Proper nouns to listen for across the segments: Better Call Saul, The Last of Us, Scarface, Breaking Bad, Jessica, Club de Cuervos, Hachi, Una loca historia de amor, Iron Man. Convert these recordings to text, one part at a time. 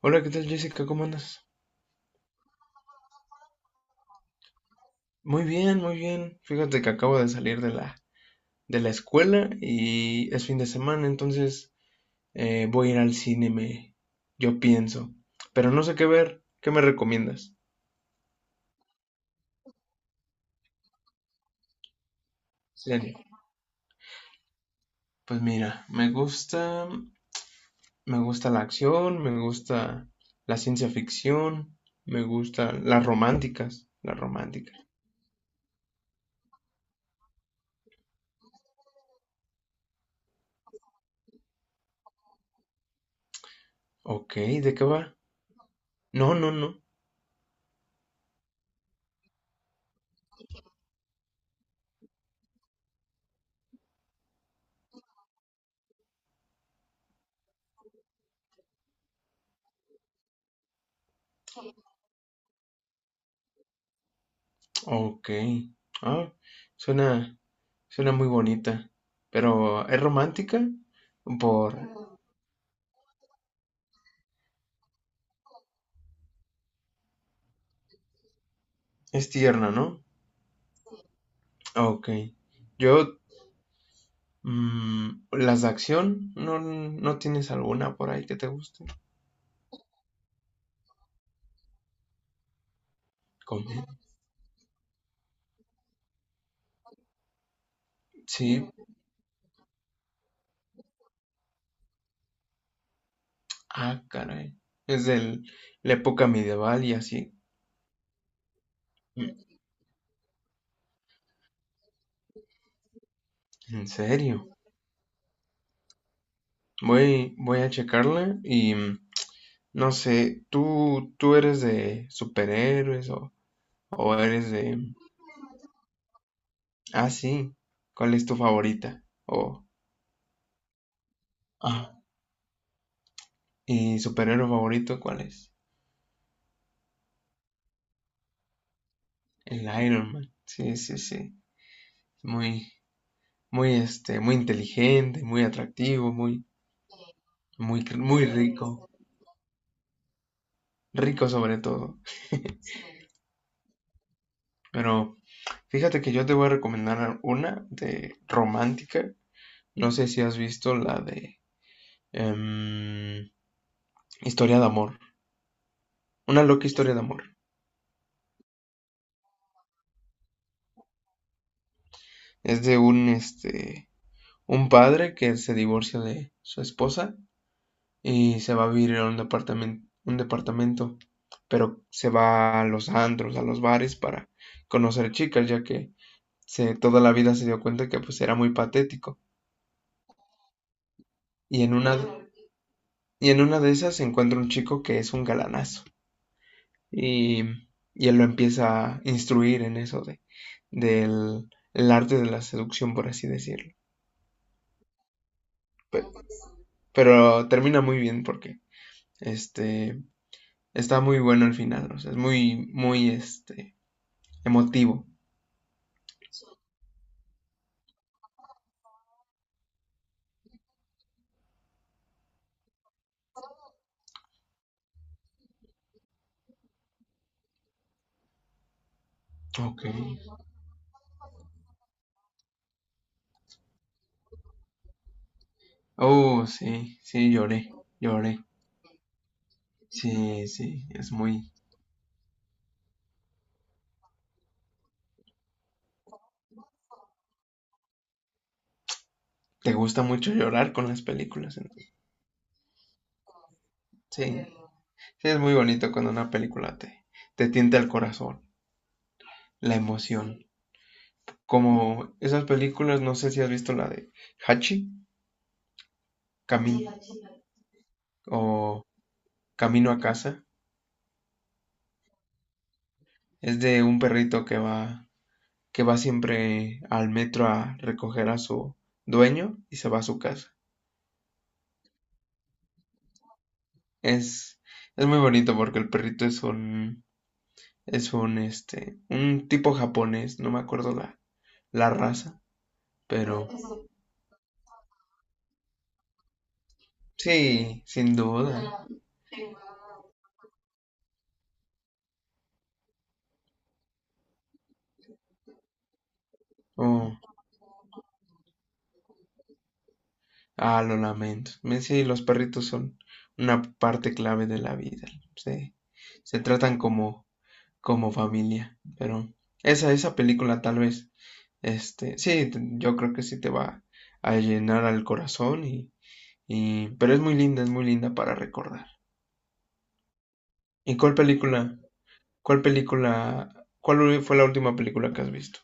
Hola, ¿qué tal Jessica? ¿Cómo andas? Muy bien, muy bien. Fíjate que acabo de salir de la escuela y es fin de semana, entonces voy a ir al cine, me, yo pienso. Pero no sé qué ver. ¿Qué me recomiendas? Serio. Pues mira, me gusta la acción, me gusta la ciencia ficción, me gustan las románticas, las románticas. Ok, ¿de qué va? No, no, no. Okey. Ah, suena suena muy bonita, pero, ¿es romántica? Por es tierna, ¿no? Okey. Yo, mm, las de acción, no tienes alguna por ahí que te guste? ¿Comedia? Sí. Ah, caray. Es del la época medieval y así. ¿En serio? Voy a checarla y, mm, no sé, tú eres de superhéroes o eres de Ah, sí. ¿Cuál es tu favorita? O, ah, ¿y superhéroe favorito cuál es? El Iron Man. Sí, sí, sí. Muy, muy, este, muy inteligente, muy atractivo, muy, muy, muy rico. Rico sobre todo. Pero fíjate que yo te voy a recomendar una de romántica. No sé si has visto la de em, Historia de amor. Una loca historia de amor. Es de un, este, un padre que se divorcia de su esposa y se va a vivir a un departamento, pero se va a los antros, a los bares para conocer chicas, ya que se, toda la vida se dio cuenta que pues era muy patético. Y en una, y en una de esas se encuentra un chico que es un galanazo y, y él lo empieza a instruir en eso de, del el arte de la seducción, por así decirlo. Pero, pero termina muy bien porque este está muy bueno el final, o sea, es muy, muy este emotivo. Ok. Oh, sí, sí, lloré, lloré. Sí, sí, es muy... Te gusta mucho llorar con las películas. Entonces. Sí, sí, es muy bonito cuando una película te tienta el corazón, la emoción. Como esas películas, no sé si has visto la de Hachi, Camino o Camino a casa. Es de un perrito que va siempre al metro a recoger a su dueño y se va a su casa. Es, es muy bonito porque el perrito es es un, este, un tipo japonés, no me acuerdo la, la raza, pero sí, sin duda. Oh, ah, lo lamento. Me- Sí, los perritos son una parte clave de la vida. Se, se tratan como, como familia, pero esa película tal vez, este, sí, te- yo creo que sí te va a llenar al corazón y, pero es muy linda para recordar. ¿Y cuál película? ¿Cuál película, cuál fue la última película que has visto?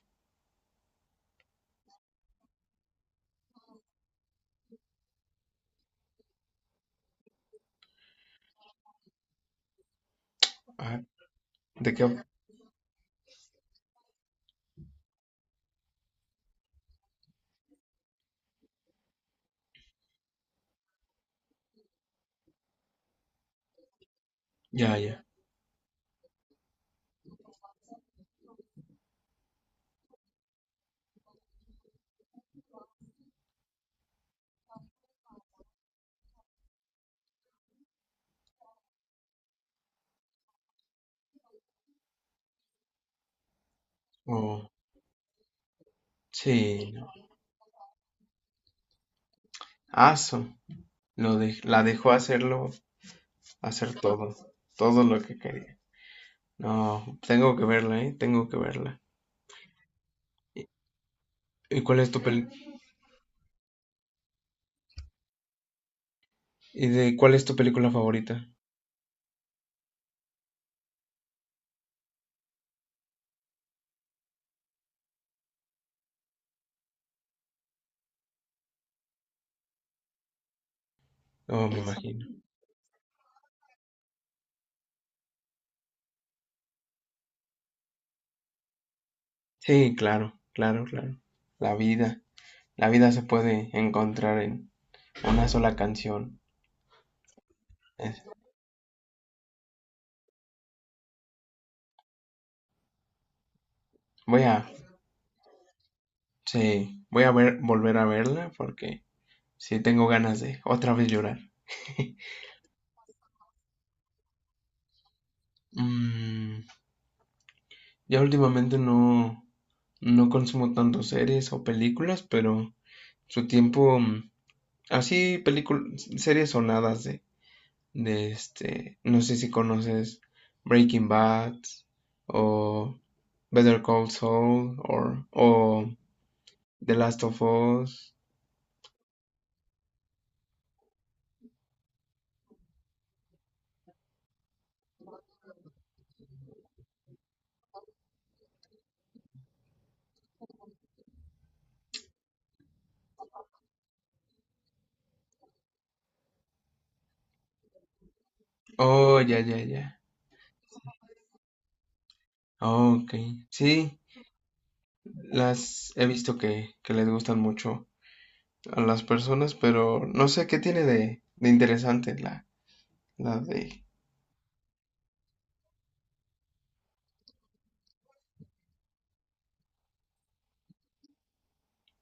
Ah, ¿de qué? Ya, ya. Oh, sí, no. Aso, lo de, la dejó hacerlo, hacer todo, todo lo que quería. No, tengo que verla, ¿eh? Tengo que verla. ¿Y cuál es tu peli- y de cuál es tu película favorita? Oh, me imagino. Sí, claro, claro, claro. La vida, la vida se puede encontrar en una sola canción. Es- Voy a, sí, volver a verla porque sí, tengo ganas de otra vez llorar. Mm, ya últimamente no, no consumo tanto series o películas, pero su tiempo, mm, así películas, series sonadas de este, no sé si conoces Breaking Bad o Better Call Saul o The Last of Us. Oh, ya, ya, ya. Oh, ok. Sí, las he visto que les gustan mucho a las personas, pero no sé qué tiene de interesante la, la de...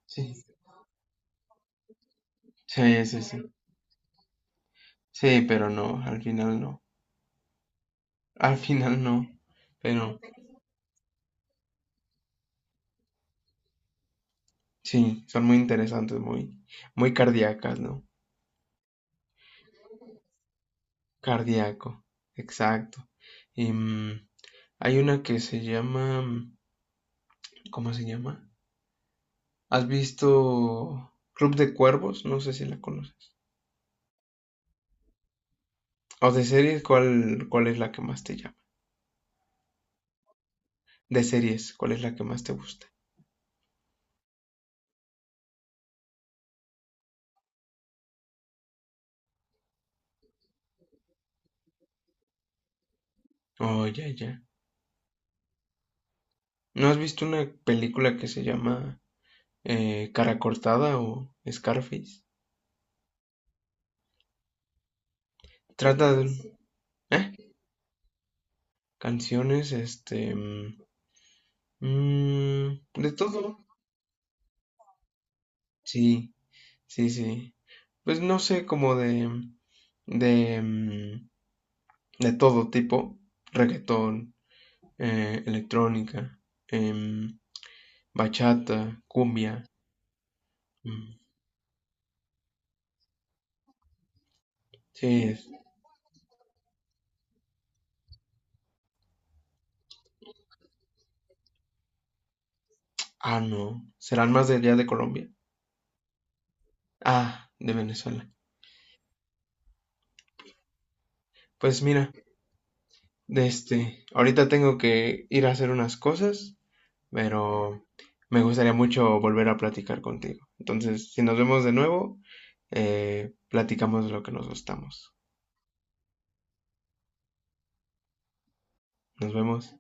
Sí, sí, sí, sí. Sí, pero no, al final no. Al final no, pero sí, son muy interesantes, muy, muy cardíacas, ¿no? Cardíaco, exacto. Y, mm, hay una que se llama, mm, ¿cómo se llama? ¿Has visto Club de Cuervos? No sé si la conoces. O de series, cuál es la que más te llama? De series, ¿cuál es la que más te gusta? Oh, ya, ya. ¿No has visto una película que se llama Cara Cortada o Scarface? Trata de... ¿eh? Canciones, este... mm, mm, de todo. Sí, sí, sí. Pues no sé, como de... De, mm, de todo tipo. Reggaetón, electrónica, em, bachata, cumbia. Mm, sí. Es- Ah, no. ¿Serán más de allá de Colombia? Ah, de Venezuela. Pues mira. De Este, ahorita tengo que ir a hacer unas cosas, pero me gustaría mucho volver a platicar contigo. Entonces, si nos vemos de nuevo, platicamos de lo que nos gustamos. Nos vemos.